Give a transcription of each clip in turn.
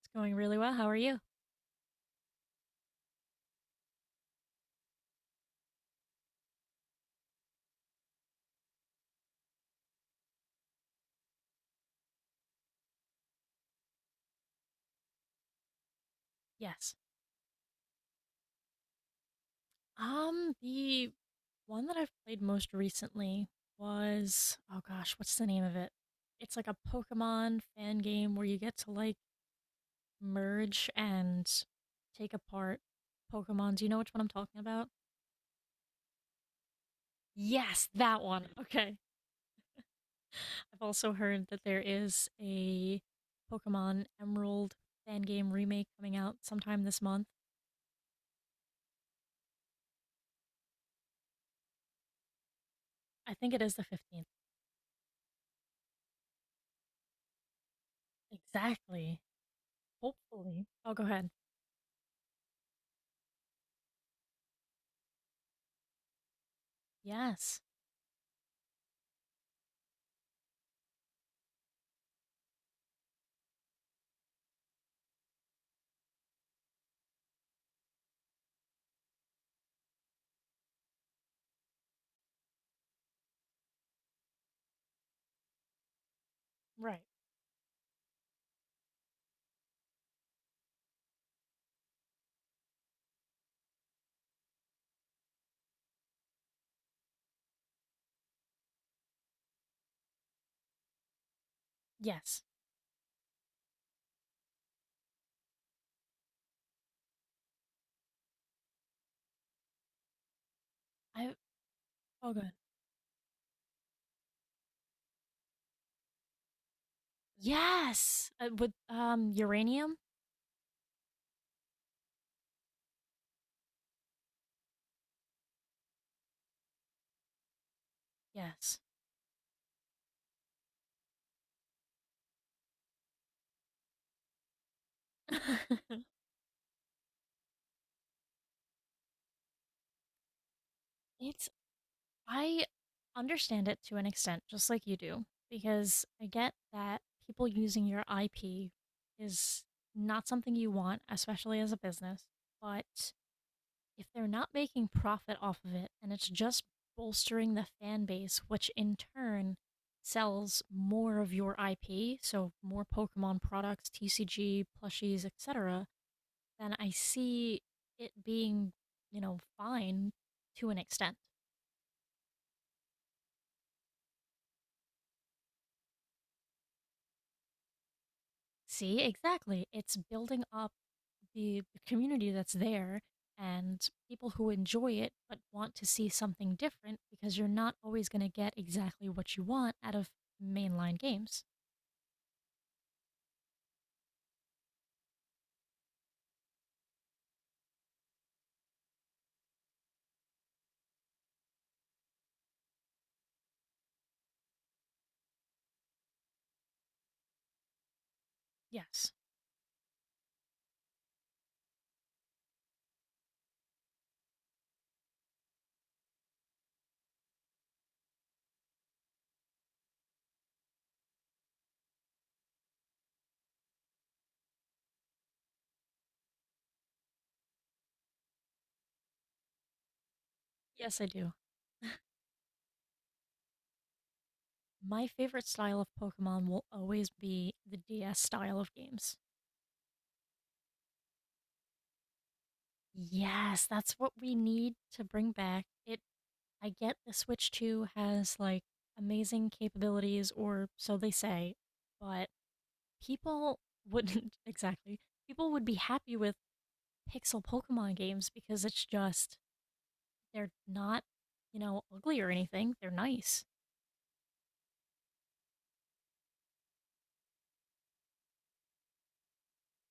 It's going really well. How are you? Yes. The one that I've played most recently was oh gosh, what's the name of it? It's like a Pokemon fan game where you get to like merge and take apart Pokemon. Do you know which one I'm talking about? Yes, that one. Okay. I've also heard that there is a Pokemon Emerald fan game remake coming out sometime this month. I think it is the 15th. Exactly. Hopefully. Oh, go ahead. Yes. Right. Yes. I oh good. Yeah. Yes. With uranium? Yes. It's I understand it to an extent just like you do because I get that people using your IP is not something you want, especially as a business, but if they're not making profit off of it and it's just bolstering the fan base, which in turn sells more of your IP, so more Pokemon products, TCG, plushies, etc., then I see it being, you know, fine to an extent. See, exactly. It's building up the community that's there and people who enjoy it but want to see something different because you're not always going to get exactly what you want out of mainline games. Yes. Yes, I do. My favorite style of Pokemon will always be the DS style of games. Yes, that's what we need to bring back. It I get the Switch 2 has like amazing capabilities or so they say, but people wouldn't exactly. People would be happy with pixel Pokemon games because it's just they're not, you know, ugly or anything. They're nice.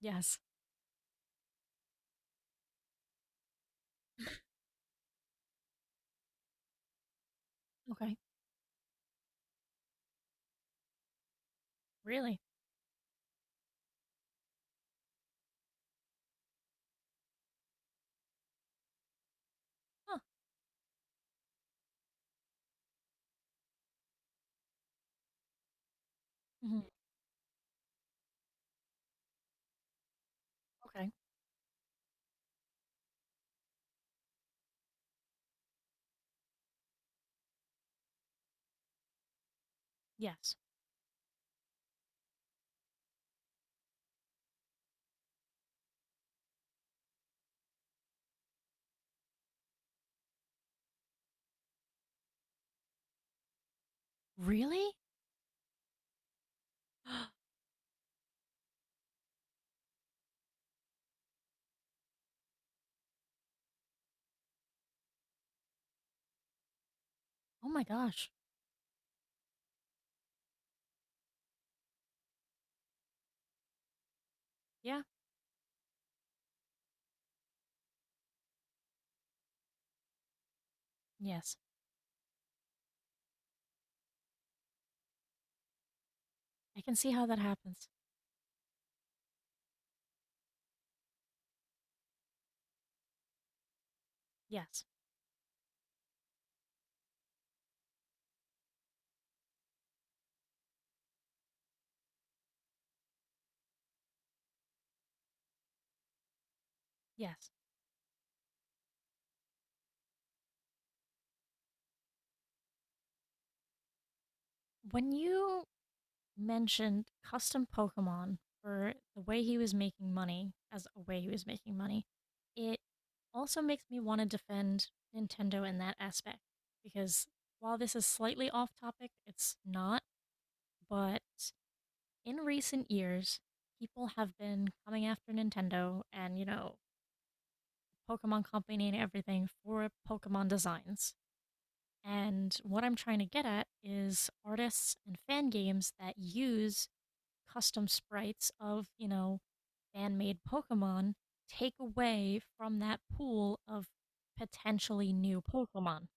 Yes. Okay. Really? Huh. Hmm. Okay. Yes. Really? Oh my gosh. Yeah. Yes. I can see how that happens. Yes. Yes. When you mentioned custom Pokemon for the way he was making money, as a way he was making money, it also makes me want to defend Nintendo in that aspect. Because while this is slightly off topic, it's not. But in recent years, people have been coming after Nintendo and, you know, Pokemon Company and everything for Pokemon designs. And what I'm trying to get at is artists and fan games that use custom sprites of, you know, fan made Pokemon take away from that pool of potentially new Pokemon.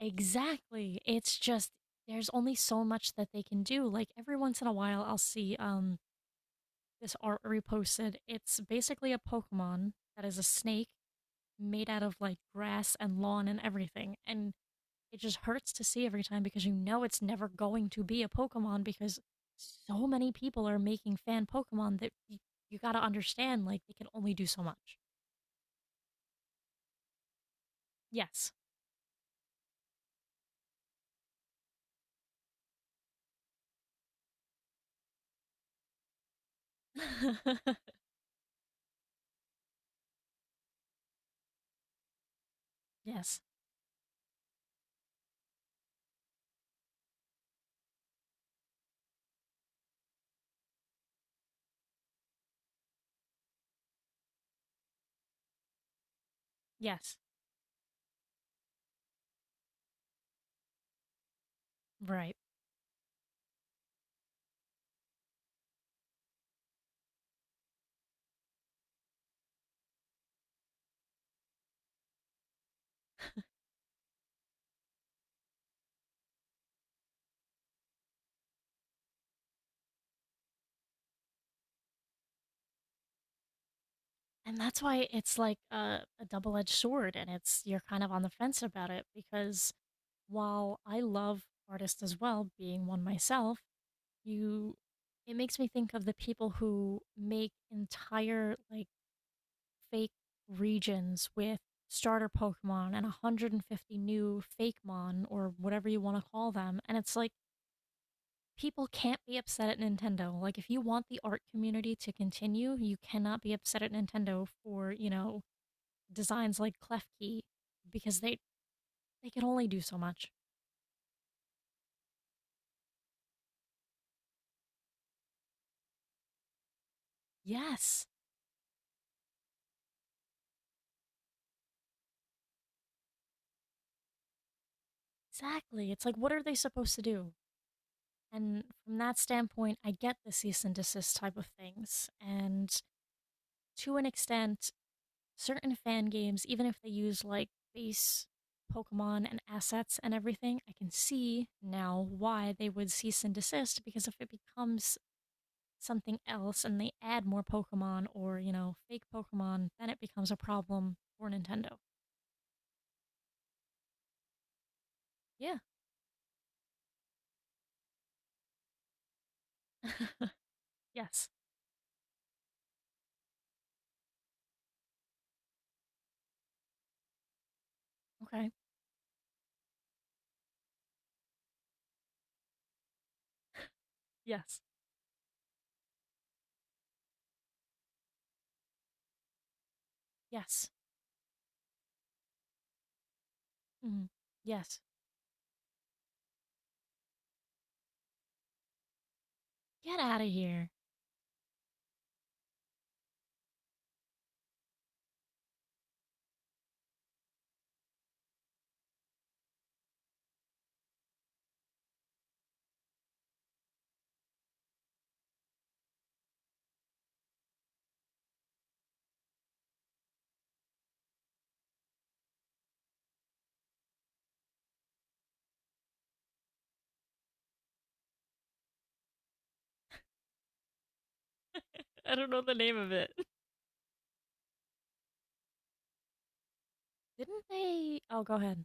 Exactly. It's just there's only so much that they can do. Like every once in a while I'll see this art reposted. It's basically a Pokemon that is a snake made out of like grass and lawn and everything. And it just hurts to see every time because you know it's never going to be a Pokemon because so many people are making fan Pokemon that you got to understand like they can only do so much. Yes. Yes. Yes. Right. And that's why it's like a double-edged sword and it's you're kind of on the fence about it because while I love artists as well, being one myself, You it makes me think of the people who make entire, like, fake regions with starter Pokemon and 150 new fake mon or whatever you wanna call them, and it's like, people can't be upset at Nintendo. Like, if you want the art community to continue, you cannot be upset at Nintendo for, you know, designs like Klefki because they can only do so much. Yes, exactly. It's like, what are they supposed to do? And from that standpoint, I get the cease and desist type of things. And to an extent, certain fan games, even if they use like base Pokemon and assets and everything, I can see now why they would cease and desist because if it becomes something else and they add more Pokemon or, you know, fake Pokemon, then it becomes a problem for Nintendo. Yeah. Yes. Okay. Yes. Yes. Mhm. Yes. Get out of here. I don't know the name of it. Didn't they? Oh, go ahead.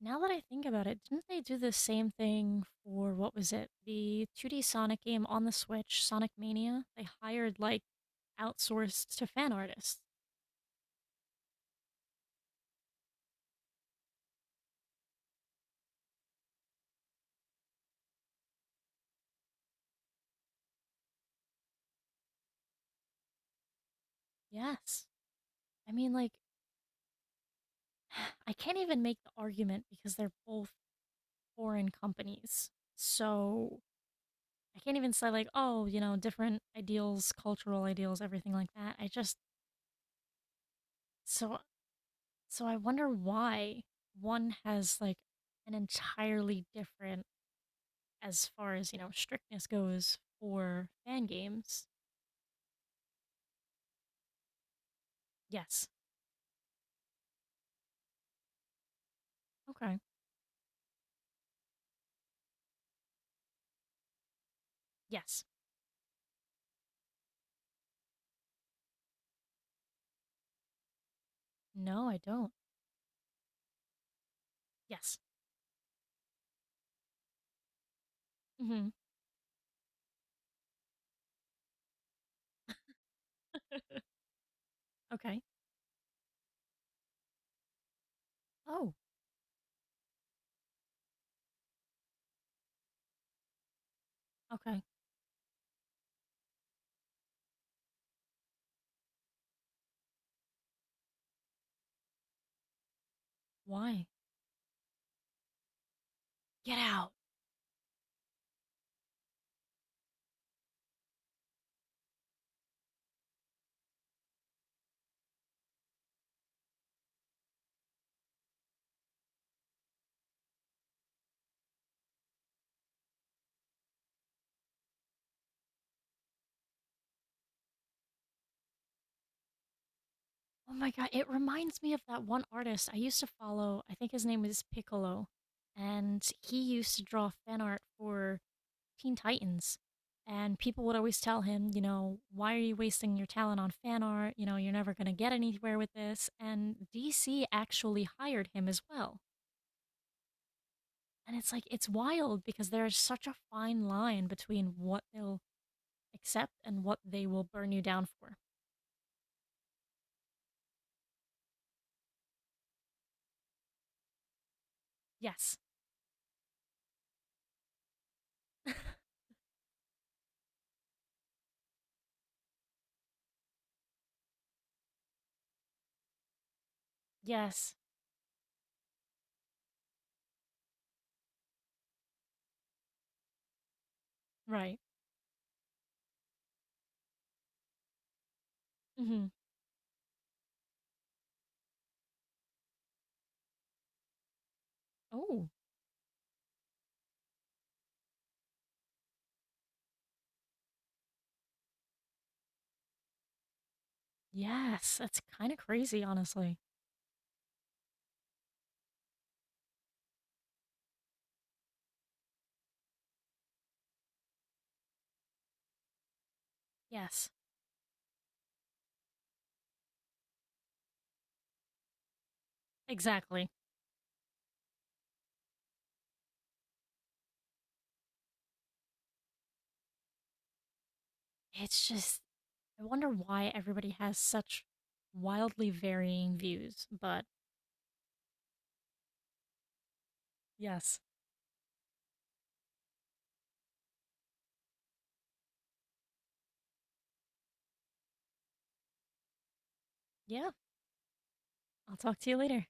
Now that I think about it, didn't they do the same thing for what was it? The 2D Sonic game on the Switch, Sonic Mania? They hired like outsourced to fan artists. Yes. I mean, like, I can't even make the argument because they're both foreign companies. So I can't even say, like, oh, you know, different ideals, cultural ideals, everything like that. I just, so, so I wonder why one has like an entirely different as far as you know strictness goes for fan games. Yes. Okay. Yes. No, I don't. Yes. mm-hmm okay. Oh. Okay. Why? Get out. Oh my god, it reminds me of that one artist I used to follow. I think his name was Piccolo and he used to draw fan art for Teen Titans and people would always tell him, you know, why are you wasting your talent on fan art? You know, you're never going to get anywhere with this. And DC actually hired him as well. And it's like it's wild because there is such a fine line between what they'll accept and what they will burn you down for. Yes. Yes. Right. Hmm. Oh, yes. That's kind of crazy, honestly. Yes. Exactly. It's just I wonder why everybody has such wildly varying views, but yes. Yeah. I'll talk to you later.